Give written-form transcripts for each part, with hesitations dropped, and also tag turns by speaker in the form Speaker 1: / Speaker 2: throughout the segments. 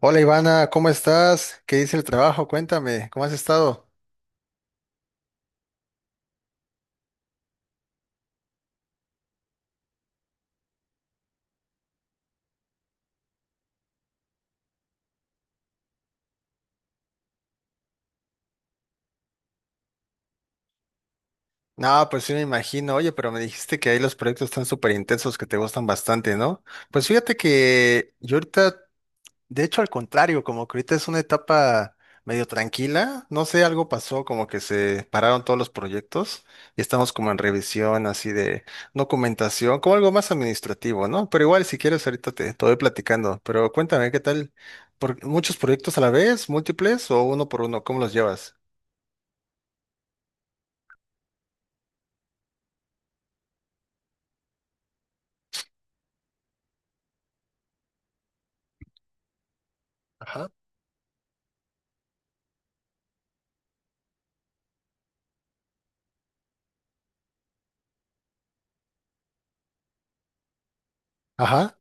Speaker 1: Hola Ivana, ¿cómo estás? ¿Qué dice el trabajo? Cuéntame, ¿cómo has estado? No, pues sí me imagino. Oye, pero me dijiste. De hecho, al contrario, como que ahorita es una etapa medio tranquila, no sé, algo pasó, como que se pararon todos los proyectos y estamos como en revisión así de documentación, como algo más administrativo, ¿no? Pero igual, si quieres, ahorita te voy platicando, pero cuéntame, ¿qué tal? ¿Por muchos proyectos a la vez, múltiples o uno por uno? ¿Cómo los llevas? Ajá. Ajá.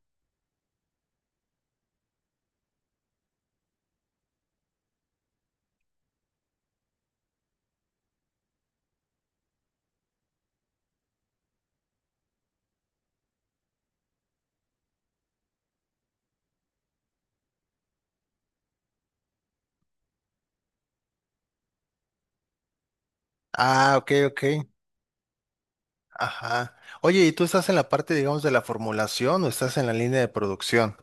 Speaker 1: Ah, ok, ok. Ajá. Oye, ¿y tú estás en la parte, digamos, de la formulación o estás en la línea de producción?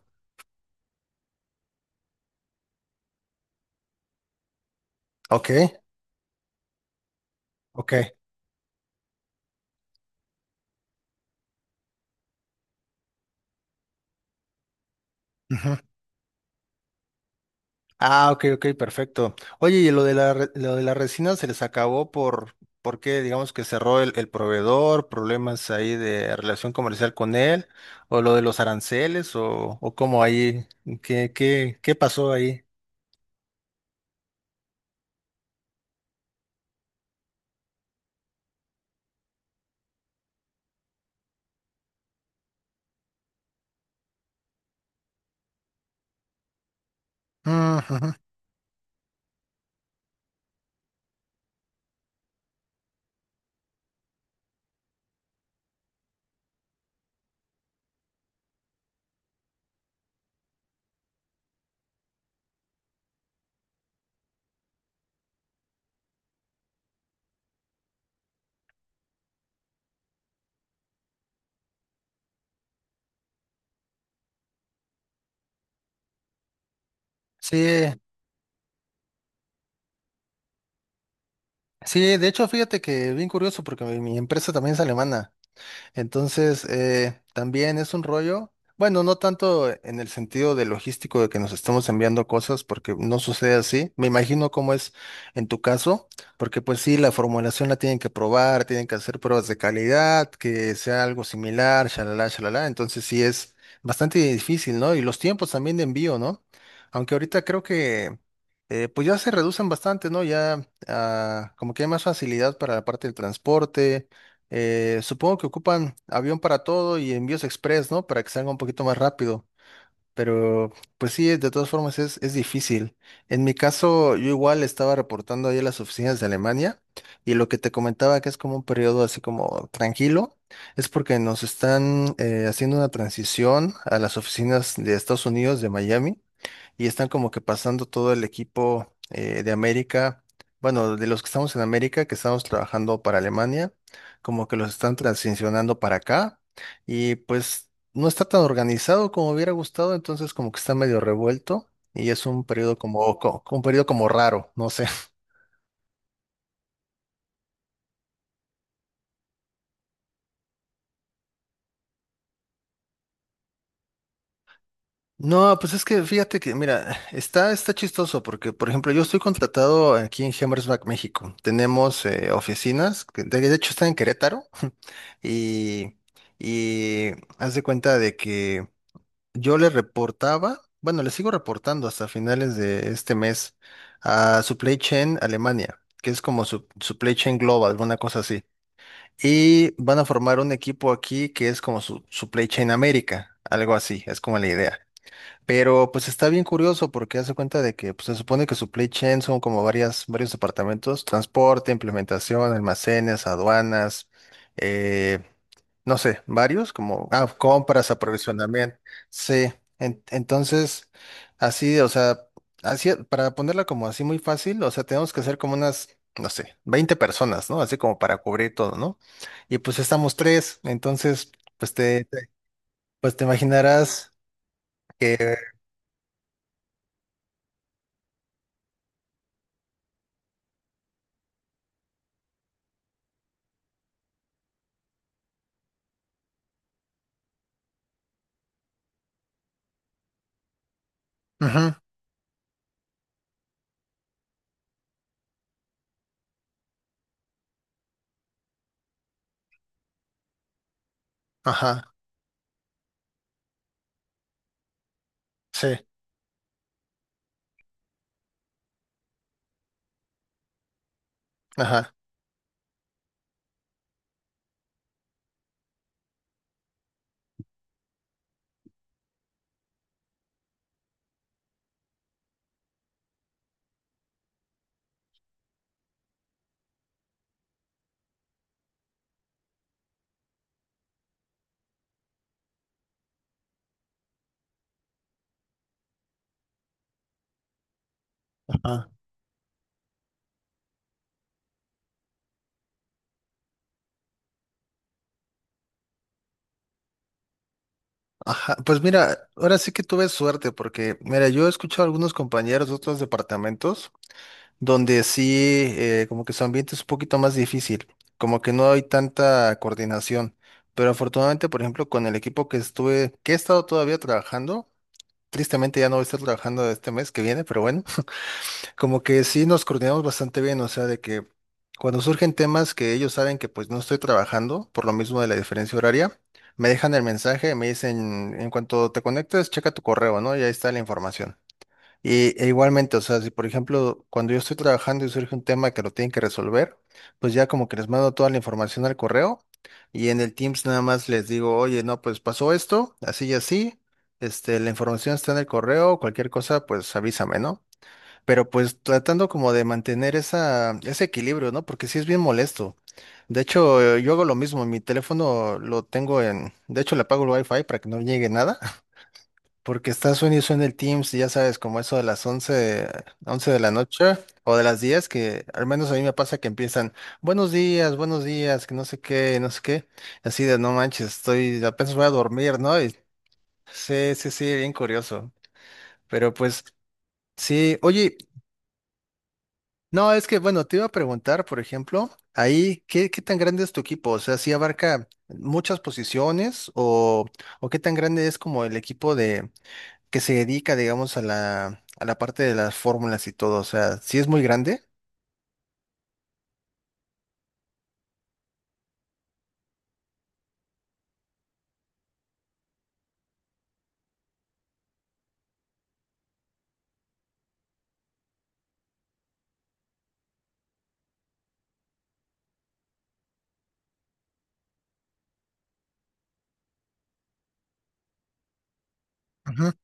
Speaker 1: Ok, ok. Ah, ok, ok, perfecto. Oye, y lo de la, re- lo de la resina se les acabó ¿por qué? Digamos que cerró el proveedor, problemas ahí de relación comercial con él, o lo de los aranceles, o cómo ahí, ¿qué pasó ahí? Mm, ujú. Sí, sí, de hecho, fíjate que bien curioso porque mi empresa también es alemana. Entonces, también es un rollo. Bueno, no tanto en el sentido de logístico de que nos estamos enviando cosas, porque no sucede así. Me imagino cómo es en tu caso, porque pues sí, la formulación la tienen que probar, tienen que hacer pruebas de calidad, que sea algo similar, shalala, shalala. Entonces sí es bastante difícil, ¿no? Y los tiempos también de envío, ¿no? Aunque ahorita creo que pues ya se reducen bastante, ¿no? Ya como que hay más facilidad para la parte del transporte, supongo que ocupan avión para todo y envíos express, ¿no? Para que salga un poquito más rápido. Pero pues sí, de todas formas es difícil. En mi caso, yo igual estaba reportando ahí a las oficinas de Alemania y lo que te comentaba que es como un periodo así como tranquilo, es porque nos están haciendo una transición a las oficinas de Estados Unidos, de Miami, y están como que pasando todo el equipo, de América, bueno, de los que estamos en América, que estamos trabajando para Alemania, como que los están transicionando para acá y pues no está tan organizado como hubiera gustado, entonces como que está medio revuelto y es un periodo como, co- un periodo como raro, no sé. No, pues es que fíjate que, mira, está chistoso porque, por ejemplo, yo estoy contratado aquí en Hammersback, México. Tenemos oficinas, que de hecho está en Querétaro, y, y haz de cuenta de que yo le reportaba, bueno, le sigo reportando hasta finales de este mes a Supply Chain Alemania, que es como su, Supply Chain Global, una cosa así. Y van a formar un equipo aquí que es como su Supply Chain América, algo así, es como la idea. Pero pues está bien curioso porque hace cuenta de que pues, se supone que supply chain son como varias, varios departamentos, transporte, implementación, almacenes, aduanas, eh, no sé, varios, como compras, aprovisionamiento. Sí, en- entonces, así, o sea, así, para ponerla como así muy fácil, o sea, tenemos que ser como unas, no sé, 20 personas, ¿no? Así como para cubrir todo, ¿no? Y pues estamos tres, entonces, pues te, te- pues te imaginarás que... Ujú, ajá. Sí, ajá, ajá, ajá. Pues mira, ahora sí que tuve suerte porque, mira, yo he escuchado a algunos compañeros de otros departamentos donde sí, como que su ambiente es un poquito más difícil, como que no hay tanta coordinación. Pero afortunadamente, por ejemplo, con el equipo que estuve, que he estado todavía trabajando, tristemente ya no voy a estar trabajando este mes que viene, pero bueno, como que sí nos coordinamos bastante bien, o sea, de que cuando surgen temas que ellos saben que pues no estoy trabajando, por lo mismo de la diferencia horaria, me dejan el mensaje, me dicen, en cuanto te conectes, checa tu correo, ¿no? Y ahí está la información. Y e igualmente, o sea, si por ejemplo, cuando yo estoy trabajando y surge un tema que lo tienen que resolver, pues ya como que les mando toda la información al correo y en el Teams nada más les digo, oye, no, pues pasó esto, así y así, este, la información está en el correo, cualquier cosa, pues avísame, ¿no? Pero pues tratando como de mantener esa, ese equilibrio, ¿no? Porque sí es bien molesto. De hecho, yo hago lo mismo, mi teléfono lo tengo en, de hecho le apago el wifi para que no llegue nada, porque está suena y suena el Teams, y ya sabes, como eso de las 11 de la noche o de las 10 que al menos a mí me pasa que empiezan, buenos días, que no sé qué, no sé qué, así de no manches, estoy, apenas voy a dormir, ¿no? Y sí, sí, sí, bien curioso. Pero pues sí, oye, no, es que, bueno, te iba a preguntar, por ejemplo, ahí, ¿qué tan grande es tu equipo? O sea, ¿si abarca muchas posiciones o qué tan grande es como el equipo de que se dedica, digamos, a la parte de las fórmulas y todo? O sea, ¿si es muy grande? Ajá,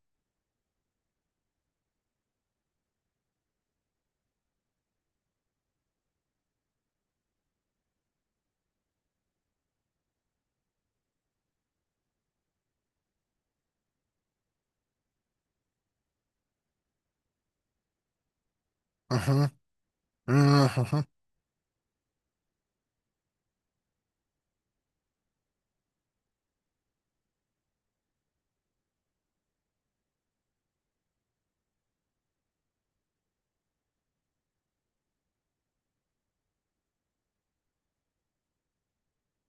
Speaker 1: ajá,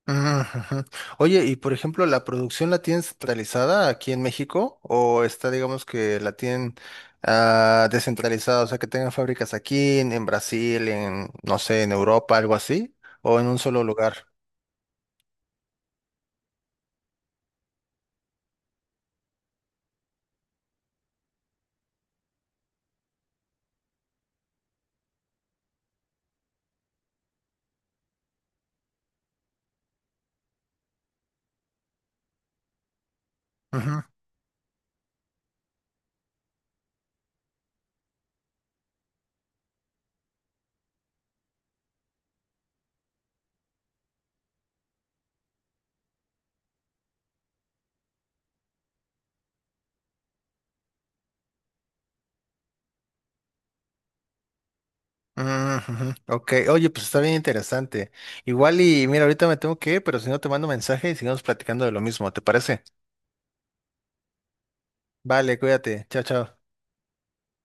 Speaker 1: ujú. Oye, y por ejemplo, ¿la producción la tienen centralizada aquí en México o está, digamos, que la tienen descentralizada, o sea, que tengan fábricas aquí, en Brasil, en, no sé, en Europa, algo así, o en un solo lugar? Ujú, ujú, ujú. Ok, oye, pues está bien interesante. Igual y mira, ahorita me tengo que ir, pero si no te mando mensaje y sigamos platicando de lo mismo, ¿te parece? Vale, cuídate, chao, chao.